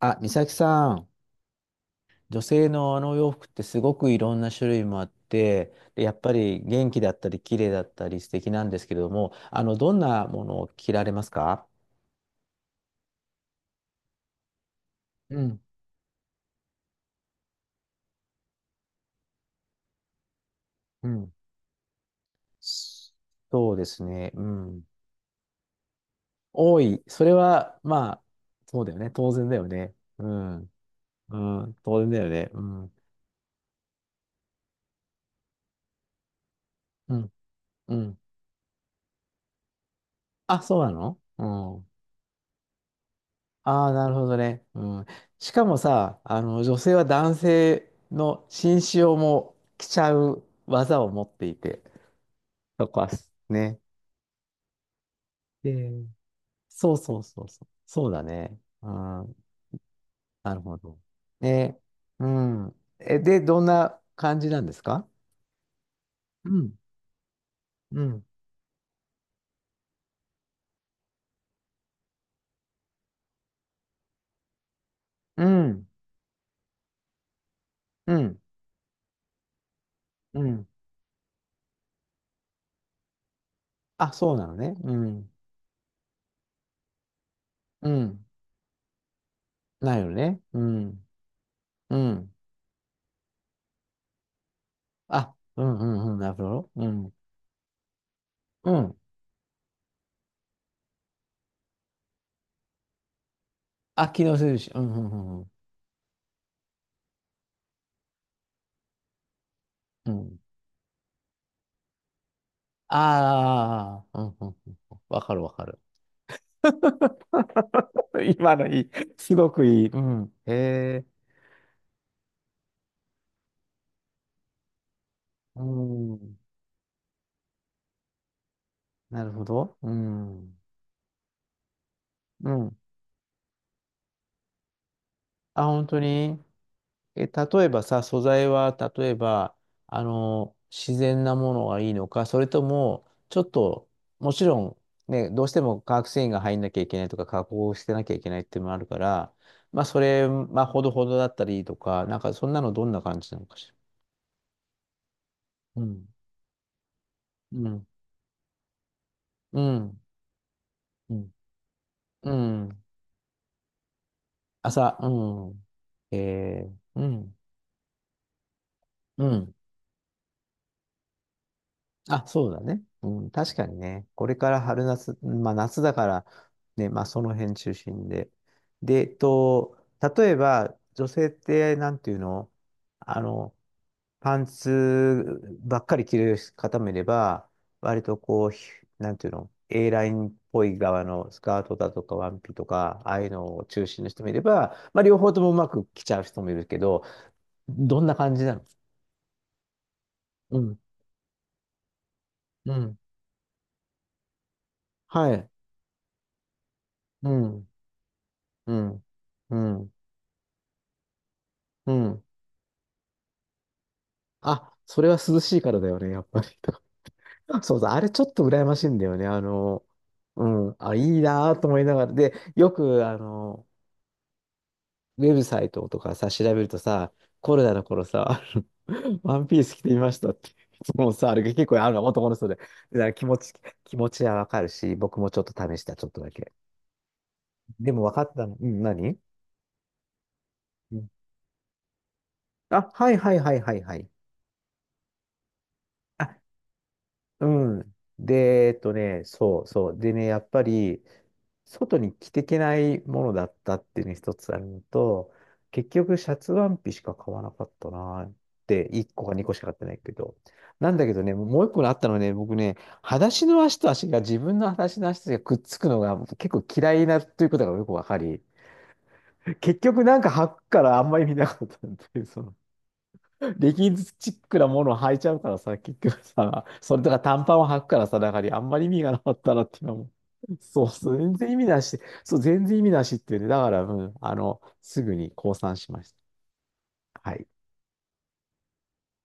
あ、美咲さん、女性のお洋服ってすごくいろんな種類もあって、でやっぱり元気だったり綺麗だったり素敵なんですけれども、どんなものを着られますか？うん、うん。そうですね。うん。多い。それは、まあ、そうだよね。当然だよね。うん。うん。当然だよね。うん。うん。うん。あ、そうなの？ああ、なるほどね。うん。しかもさ、女性は男性の紳士用も着ちゃう技を持っていて、そこはね。で、そうそうそうそう。そうだね。うん。なるほど。ね。うん。え、で、どんな感じなんですか？うん。うん。うん。うん。うん。あ、そうなのね。うん。うん。ないよね。うん。うん。あ、うんうんうん。なるほど。うん。うん。あ、機能するし。うん、うん、うんうん。うん。ああ、うん、うん、うん。わかるわかる。今のいい。すごくいい。うん。へえ。うん。なるほど。うん。うん。あ、本当に？え、例えばさ、素材は、例えば、自然なものがいいのか、それとも、ちょっと、もちろん、ね、どうしても化学繊維が入んなきゃいけないとか、加工してなきゃいけないっていうのもあるから、まあ、それ、まあ、ほどほどだったりとか、なんか、そんなのどんな感じなのかしら。うん。うん。うん。うん。うん。朝、うん。えー、うん。うん。あ、そうだね。うん、確かにね。これから春夏、まあ夏だから、ね、まあその辺中心で。で、例えば、女性って、なんていうの、あの、パンツばっかり着る方もいれば、割とこう、なんていうの、 A ラインっぽい側のスカートだとかワンピとか、ああいうのを中心の人もいれば、まあ両方ともうまく着ちゃう人もいるけど、どんな感じなの？うん、うん、はい、うん。うん。うん。うん。あ、それは涼しいからだよね、やっぱり。そうそう、あれちょっと羨ましいんだよね。うん。あ、いいなぁと思いながら。で、よく、ウェブサイトとかさ、調べるとさ、コロナの頃さ、ワンピース着てみましたって。もうさ、あれが結構あるの、男の人で。だから気持ちはわかるし、僕もちょっと試した、ちょっとだけ。でも分かったの。うん、何？うん、あ、はいはいはいはいはい。あ、うん。で、そうそう。でね、やっぱり、外に着てけないものだったっていうのが一つあるのと、結局、シャツワンピしか買わなかったなーって、1個か2個しか買ってないけど。なんだけどね、もう1個あったのはね、僕ね、裸足の足と足が、自分の裸足の足がくっつくのが結構嫌いなということがよくわかり、結局なんか履くからあんまり見なかったっていう、その、レギンズチックなものを履いちゃうからさ、結局さ、それとか短パンを履くからさ、だからあんまり意味がなかったなって今も。そうそう、全然意味なし。そう、全然意味なしっていうね。だから、うん、すぐに降参しました。はい。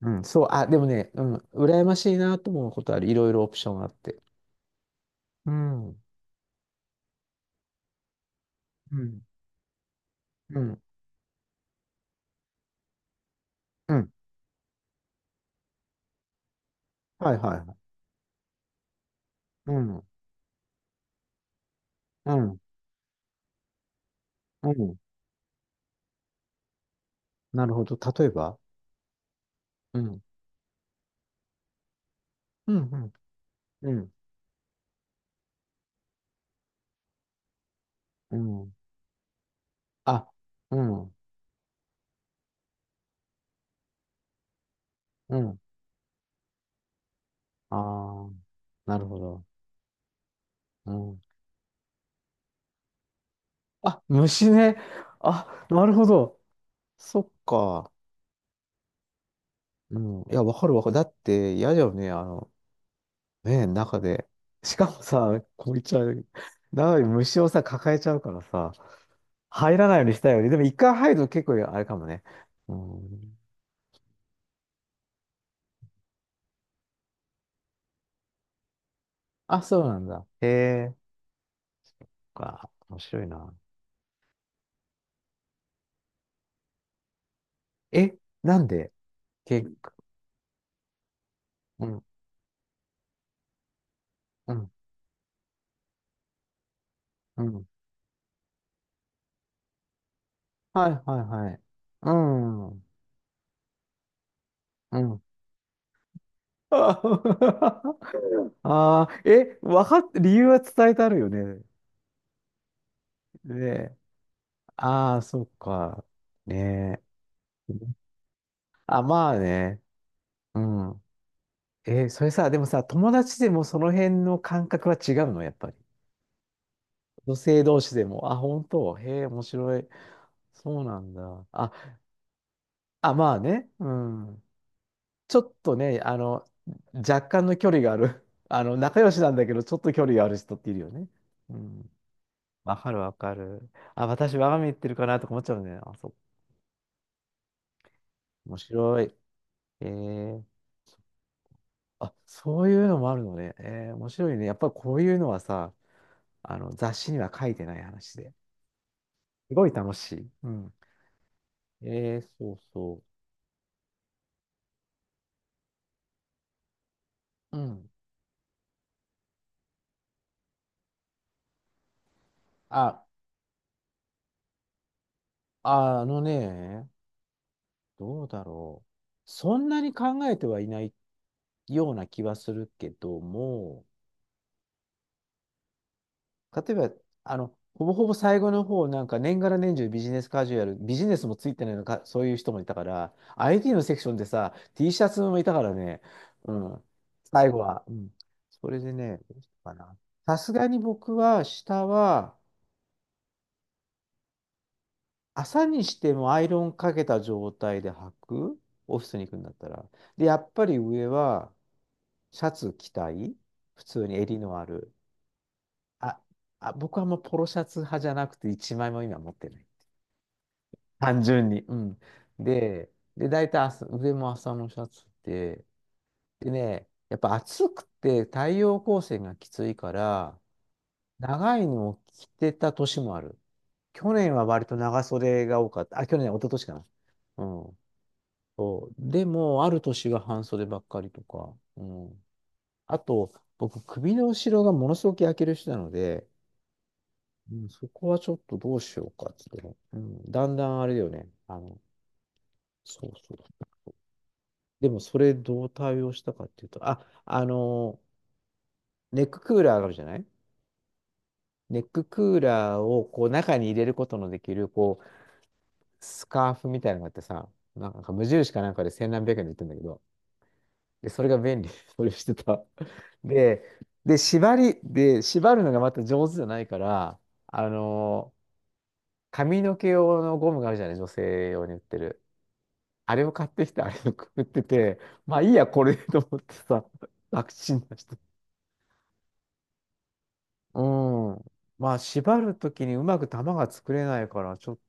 うん、そう、あ、でもね、うん、羨ましいなと思うことある。いろいろオプションがあって。うん、うん、うん、うん。はいはいはい。うん、うん、うん。なるほど。例えば、うん、うん、うん、うん、うん。あ、うん、うん。ああ、なるほど。うん。あ、虫ね。あ、なるほど。そっか。うん。いや、わかるわかる。だって嫌だよね。あの、ね、中で。しかもさ、こう言っちゃう。中に虫をさ、抱えちゃうからさ、入らないようにしたいよね。でも一回入ると結構あれかもね。うん。あ、そうなんだ。へえ。そっか、面白いな。え、なんでけ、うん、うん、うん。はい、はい、はい。うん、うん。ああー、え、わかっ、理由は伝えてあるよね？ね、ああそっか。ねえ。あ、まあね。うん。え、それさ、でもさ、友達でもその辺の感覚は違うの、やっぱり。女性同士でも。あ、本当。へえ、面白い。そうなんだ。あ、あ、まあね。うん。ちょっとね、若干の距離がある。仲良しなんだけど、ちょっと距離がある人っているよね。うん。わかるわかる。あ、私、我が身言ってるかなとか思っちゃうね。あ、そう。面白い。えー、あ、そういうのもあるのね。えー、面白いね。やっぱりこういうのはさ、雑誌には書いてない話で。すごい楽しい。うん。えー、そうそう。うん。あ、ああのね、どうだろう。そんなに考えてはいないような気はするけども、例えば、ほぼほぼ最後の方、なんか年がら年中ビジネスカジュアル、ビジネスもついてないのか、そういう人もいたから、IT のセクションでさ、T シャツもいたからね、うん、最後は。うん、それでね、どうしたかな。さすがに僕は、下は、朝にしてもアイロンかけた状態で履く、オフィスに行くんだったら。で、やっぱり上は、シャツ着たい、普通に襟のある。あ、あ、僕はもうポロシャツ派じゃなくて、一枚も今持ってない。単純に。うん。で、大体朝、上も朝のシャツで、でね、やっぱ暑くて太陽光線がきついから、長いのを着てた年もある。去年は割と長袖が多かった。あ、去年、一昨年かな。うん。そう。でも、ある年は半袖ばっかりとか。うん。あと、僕、首の後ろがものすごく焼ける人なので、うん、そこはちょっとどうしようかって言ってね。うん。だんだんあれだよね。そうそう。でもそれどう対応したかっていうと、あ、ネッククーラーがあるじゃない？ネッククーラーをこう中に入れることのできるこうスカーフみたいなのがあってさ、なんか無印かなんかで千何百円で売ってるんだけど、で、それが便利、それをしてた。で、で、縛るのがまた上手じゃないから、あの、髪の毛用のゴムがあるじゃない？女性用に売ってる。あれを買ってきて、あれを くくってて、まあいいや、これ でと思ってさ、楽ちんだしうん。まあ、縛るときにうまく玉が作れないから、ちょっと、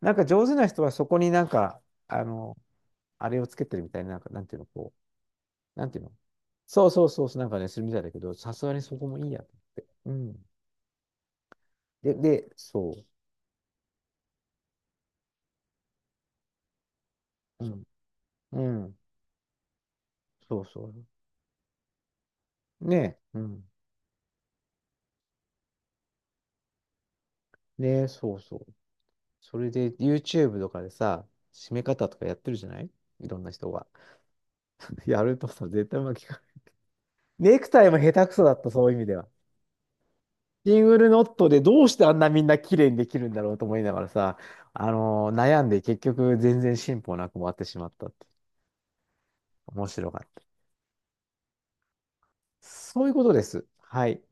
なんか上手な人はそこになんか、あの、あれをつけてるみたいな、なんか、なんていうの、こう、なんていうの。そうそうそうそう、なんかね、するみたいだけど、さすがにそこもいいや。うん。で、そう。うん。うん。そうそう。ねえ。うん。ねえ、そうそう。それで、YouTube とかでさ、締め方とかやってるじゃない？いろんな人が。やるとさ、絶対うまくいかない。ネクタイも下手くそだった、そういう意味では。シングルノットでどうしてあんなみんな綺麗にできるんだろうと思いながらさ、悩んで結局全然進歩なく終わってしまったって。面白かった。そういうことです。はい。